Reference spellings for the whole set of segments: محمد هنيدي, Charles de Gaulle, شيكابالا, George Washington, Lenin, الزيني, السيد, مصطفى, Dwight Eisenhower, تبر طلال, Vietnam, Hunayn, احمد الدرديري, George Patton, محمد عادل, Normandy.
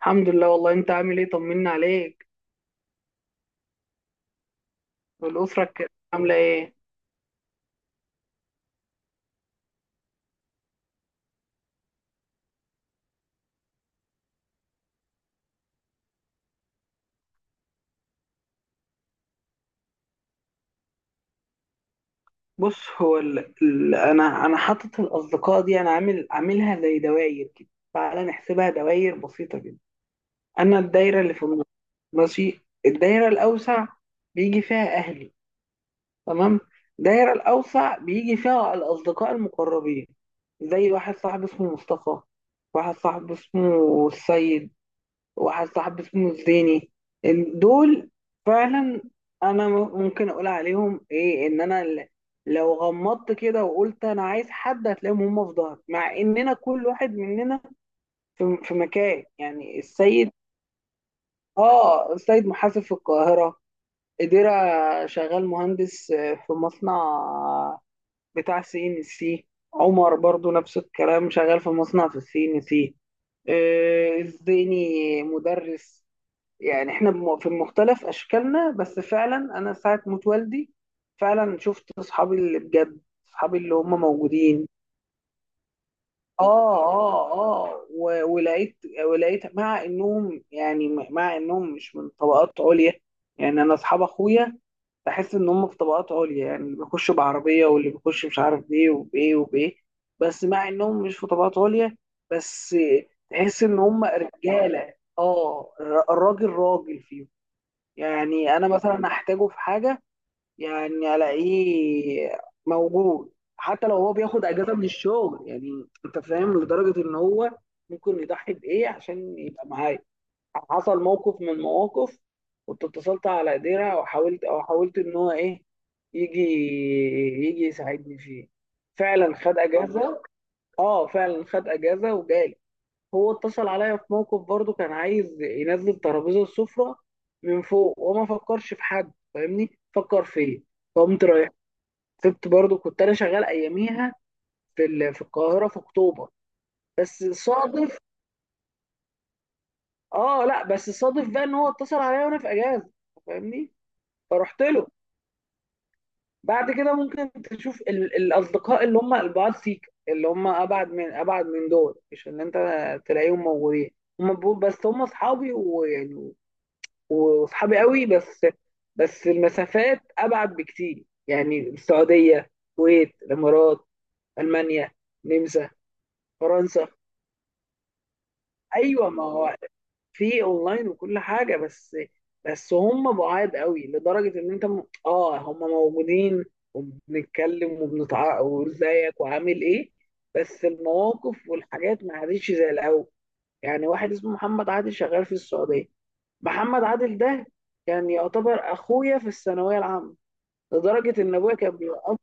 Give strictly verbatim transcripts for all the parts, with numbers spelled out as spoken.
الحمد لله. والله انت عامل ايه؟ طمنا عليك. والاسره الك- عامله ايه؟ بص، هو ال... ال... انا انا حاطط الاصدقاء دي، انا عامل عاملها زي دواير كده. تعالى نحسبها دواير بسيطه جدا. انا الدايره اللي في النص، ماشي. الدايره الاوسع بيجي فيها اهلي، تمام. الدايره الاوسع بيجي فيها الاصدقاء المقربين، زي واحد صاحبي اسمه مصطفى، واحد صاحبي اسمه السيد، وواحد صاحبي اسمه الزيني. ال- دول فعلا انا م- ممكن اقول عليهم ايه، ان انا ل- لو غمضت كده وقلت انا عايز حد هتلاقيهم هم في ظهري، مع اننا كل واحد مننا في, في مكان. يعني السيد، اه، السيد محاسب في القاهرة، إديرة، شغال مهندس آه، في مصنع بتاع سي ان سي. عمر برضو نفس الكلام، شغال في مصنع في السي ان سي. آه، الزيني مدرس. يعني احنا بم- في مختلف اشكالنا، بس فعلا انا ساعة موت والدي فعلا شفت اصحابي اللي بجد، اصحابي اللي هم موجودين. اه، اه، اه و- ولقيت، ولقيت مع انهم، يعني مع انهم مش من طبقات عليا، يعني انا اصحاب اخويا بحس ان هم في طبقات عليا، يعني اللي بيخش بعربيه واللي بيخش مش عارف بايه وبايه وبايه، بس مع انهم مش في طبقات عليا، بس تحس ان هم رجاله. اه، الر- الراجل راجل فيهم. يعني انا مثلا احتاجه في حاجه يعني الاقيه موجود، حتى لو هو بياخد اجازه من الشغل. يعني انت فاهم لدرجه ان هو ممكن يضحي بايه عشان يبقى معايا. حصل موقف من المواقف، كنت اتصلت على ديرة وحاولت، او حاولت ان هو ايه، يجي، يجي يساعدني فيه، فعلا خد اجازه. اه فعلا خد اجازه وجالي. هو اتصل عليا في موقف برضه، كان عايز ينزل ترابيزه السفرة من فوق وما فكرش في حد فاهمني، فكر فيا، فقمت رايح. سبت برضه، كنت انا شغال اياميها في ال- في القاهره في اكتوبر، بس صادف. اه لا، بس صادف بقى ان هو اتصل عليا وانا في اجازه، فاهمني، فرحت له. بعد كده ممكن تشوف ال- الاصدقاء اللي هم البعاد فيك، اللي هم ابعد من ابعد من دول، مش اللي انت تلاقيهم موجودين. هم بيقول- بس هم اصحابي، ويعني وصحابي قوي، بس بس المسافات ابعد بكتير، يعني السعوديه، الكويت، الامارات، المانيا، النمسا، فرنسا. ايوه، ما هو في اونلاين وكل حاجه، بس بس هم بعاد قوي لدرجه ان انت م... اه هم موجودين وبنتكلم وبنتع وازيك وعامل ايه، بس المواقف والحاجات ما عادتش زي الاول. يعني واحد اسمه محمد عادل شغال في السعوديه. محمد عادل ده كان يعتبر اخويا في الثانويه العامه، لدرجه ان ابويا كان بيوقف.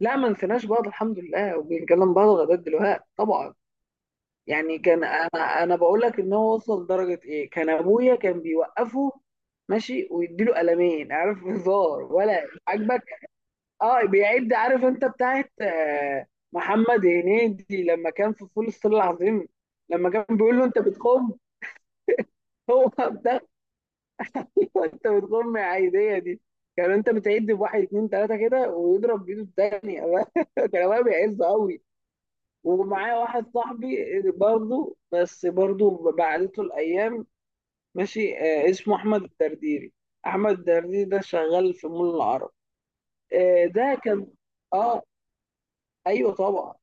لا، ما نسيناش بعض الحمد لله، وبنكلم بعض لغايه دلوقتي طبعا. يعني كان انا انا بقول لك ان هو وصل لدرجه ايه، كان ابويا كان بيوقفه ماشي ويديله قلمين، عارف؟ هزار ولا عاجبك؟ اه، بيعد، عارف انت بتاعت آه، محمد هنيدي لما كان في فول الصين العظيم، لما كان بيقول له انت بتخم؟ هو ده. أيوة، انت بتقوم عادية دي، كان انت بتعد بواحد اتنين تلاتة كده ويضرب بايده التانية. كان ابويا بيعز قوي. ومعايا واحد صاحبي برضه، بس برضه بعدته الايام، ماشي. آه، اسمه احمد الدرديري. احمد الدرديري ده شغال في مول العرب. آه، ده كان، اه. ايوه طبعا.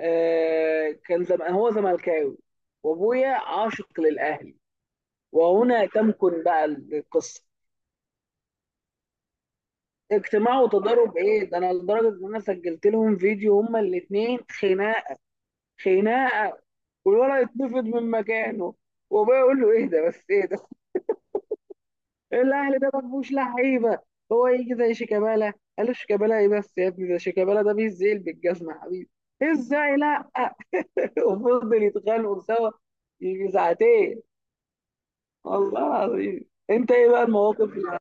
آه، كان زم... هو زملكاوي، وابويا عاشق للاهلي، وهنا تمكن بقى القصة. اجتماع وتضارب ايه ده، انا لدرجه ان انا سجلت لهم فيديو هما الاثنين. خناقه، خناقه، والولد اتنفض من مكانه، وابويا يقول له ايه ده بس، ايه ده، الاهلي ده ما فيهوش لعيبه، هو يجي زي شيكابالا؟ قال له شيكابالا ايه بس يا ابني، ده شيكابالا ده بيزيل بالجزمه يا حبيبي، ازاي؟ لا. وفضل يتخانقوا سوا يجي ساعتين، والله العظيم. انت ايه بقى المواقف اللي-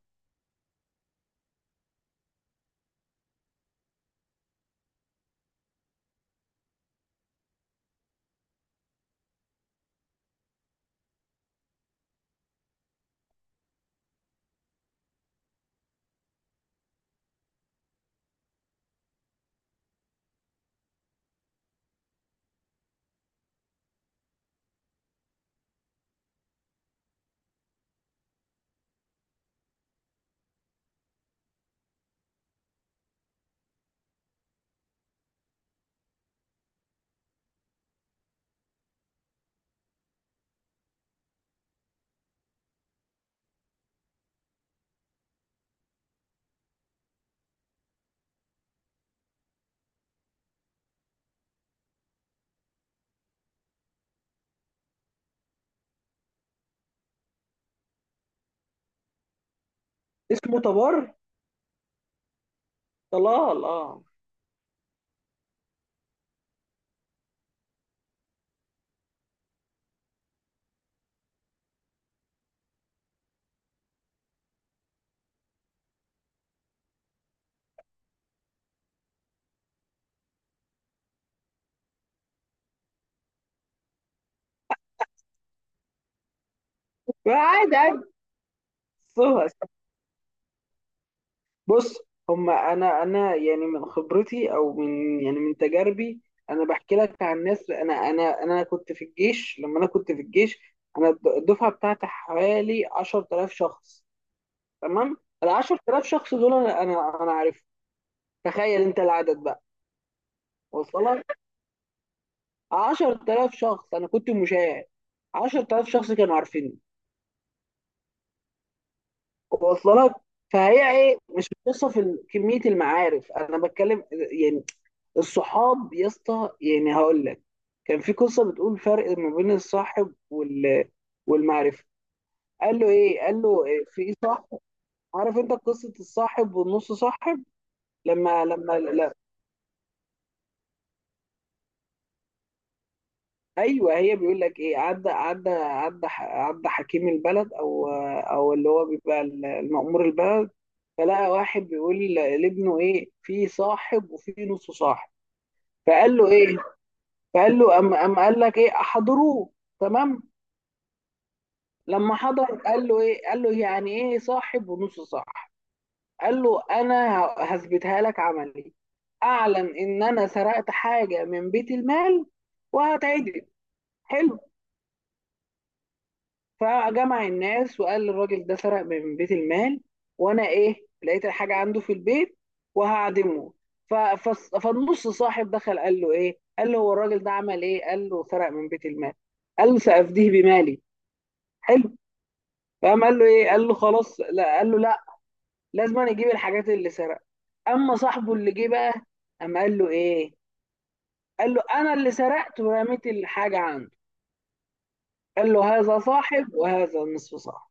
اسمه تبر؟ طلال، اه. عادي، عادي. صور. بص، هما انا انا يعني من خبرتي، او من يعني من تجاربي، انا بحكي لك عن ناس. انا انا انا كنت في الجيش، لما انا كنت في الجيش انا الد- الدفعه بتاعتي حوالي عشرة آلاف شخص، تمام. ال عشرة آلاف شخص دول انا انا انا عارفهم، تخيل انت العدد بقى، وصل لك؟ عشرة آلاف شخص انا كنت مشاهد، عشرة آلاف شخص كانوا عارفيني، وصل لك؟ فهي ايه، مش قصه في ال- كميه المعارف انا بتكلم يعني. الصحاب يا اسطى، يعني هقول لك، كان في قصه بتقول فرق ما بين الصاحب وال والمعرفه. قال له ايه، قال له إيه في ايه صاحب؟ عارف انت قصه الصاحب والنص صاحب؟ لما لما لا، ايوه. هي بيقول لك ايه، عدى عدى عدى ح- عدى حكيم البلد، او او اللي هو بيبقى المأمور البلد، فلقى واحد بيقول لابنه ايه في صاحب وفي نص صاحب. فقال له ايه، فقال له أم أم، قال لك ايه احضروه. تمام. لما حضر قال له ايه، قال له يعني ايه صاحب ونص صاحب؟ قال له انا ه- هثبتها لك عملي. اعلن ان انا سرقت حاجه من بيت المال وهتعدم. حلو. فجمع الناس وقال الراجل ده سرق من بيت المال، وانا ايه، لقيت الحاجه عنده في البيت وهعدمه. ف- فص- فالنص صاحب دخل قال له ايه، قال له هو الراجل ده عمل ايه؟ قال له سرق من بيت المال. قال له سأفديه بمالي. حلو. فقام قال له ايه، قال له خلاص لا، قال له لا، لازم أن يجيب الحاجات اللي سرقها. اما صاحبه اللي جه بقى، اما قال له ايه، قال له انا اللي سرقت ورميت الحاجه عنده. قال له هذا صاحب وهذا نصف صاحب.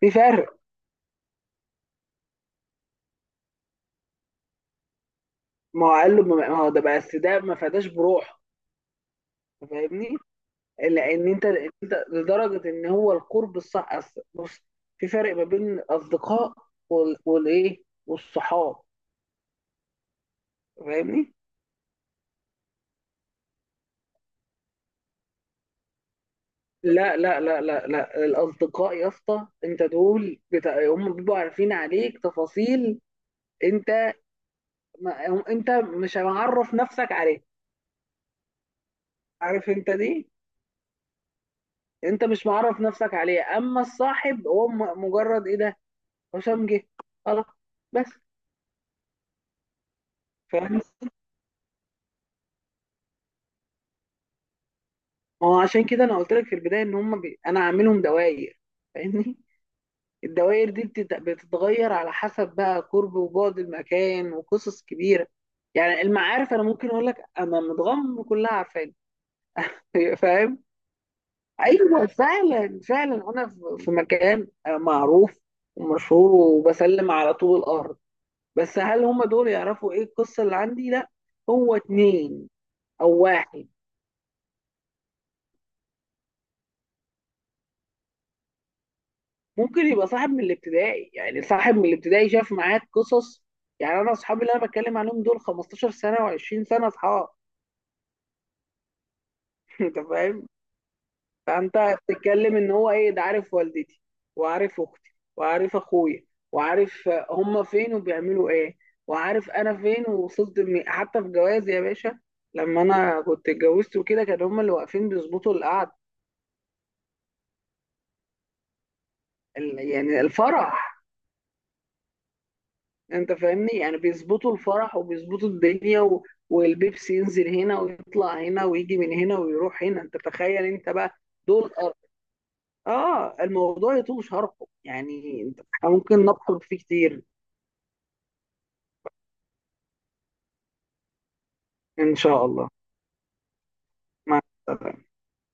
في فرق، ما هو قال له، ما هو ده بقى، بس ده ما فداش بروحه، فاهمني. لان انت انت لدرجه ان هو القرب الصح، أصل- بص، في فرق ما بين الاصدقاء وال- والايه والصحاب، فاهمني؟ لا لا لا لا لا، الاصدقاء يا اسطى انت دول بتا... هم بيبقوا عارفين عليك تفاصيل انت، ما انت مش معرف نفسك عليه، عارف انت دي؟ انت مش معرف نفسك عليه، اما الصاحب هو م- مجرد ايه ده، هشام جه، خلاص، بس. فاهم. ما هو عشان كده انا قلت لك في البدايه ان هم بي... انا عاملهم دوائر، فاهمني؟ الدوائر دي بتت... بتتغير على حسب بقى قرب وبعد المكان، وقصص كبيره. يعني المعارف انا ممكن اقول لك انا متغمر كلها عارفاني. فاهم؟ ايوه، فعلا فعلا انا في في مكان معروف ومشهور، وبسلم على طول الارض، بس هل هم دول يعرفوا ايه القصه اللي عندي؟ لا، هو اتنين او واحد. ممكن يبقى صاحب من الابتدائي، يعني صاحب من الابتدائي شاف معاك قصص. يعني انا اصحابي اللي انا بتكلم عنهم دول خمستاشر سنه و20 سنه اصحاب. انت فاهم؟ فانت بتتكلم ان هو ايه، ده عارف والدتي، وعارف اختي، وعارف اخويا، وعارف هما فين وبيعملوا ايه، وعارف انا فين ووصلت لمين. حتى في جوازي يا باشا، لما انا كنت اتجوزت وكده كانوا هما اللي واقفين بيظبطوا القعد، ال- يعني الفرح. انت فاهمني، يعني بيظبطوا الفرح وبيظبطوا الدنيا و... والبيبسي ينزل هنا ويطلع هنا ويجي من هنا ويروح هنا، انت تخيل انت بقى. دول أر- اه الموضوع يطول شرحه، يعني انت ممكن نبحر فيه كتير. إن شاء الله. مع السلامة.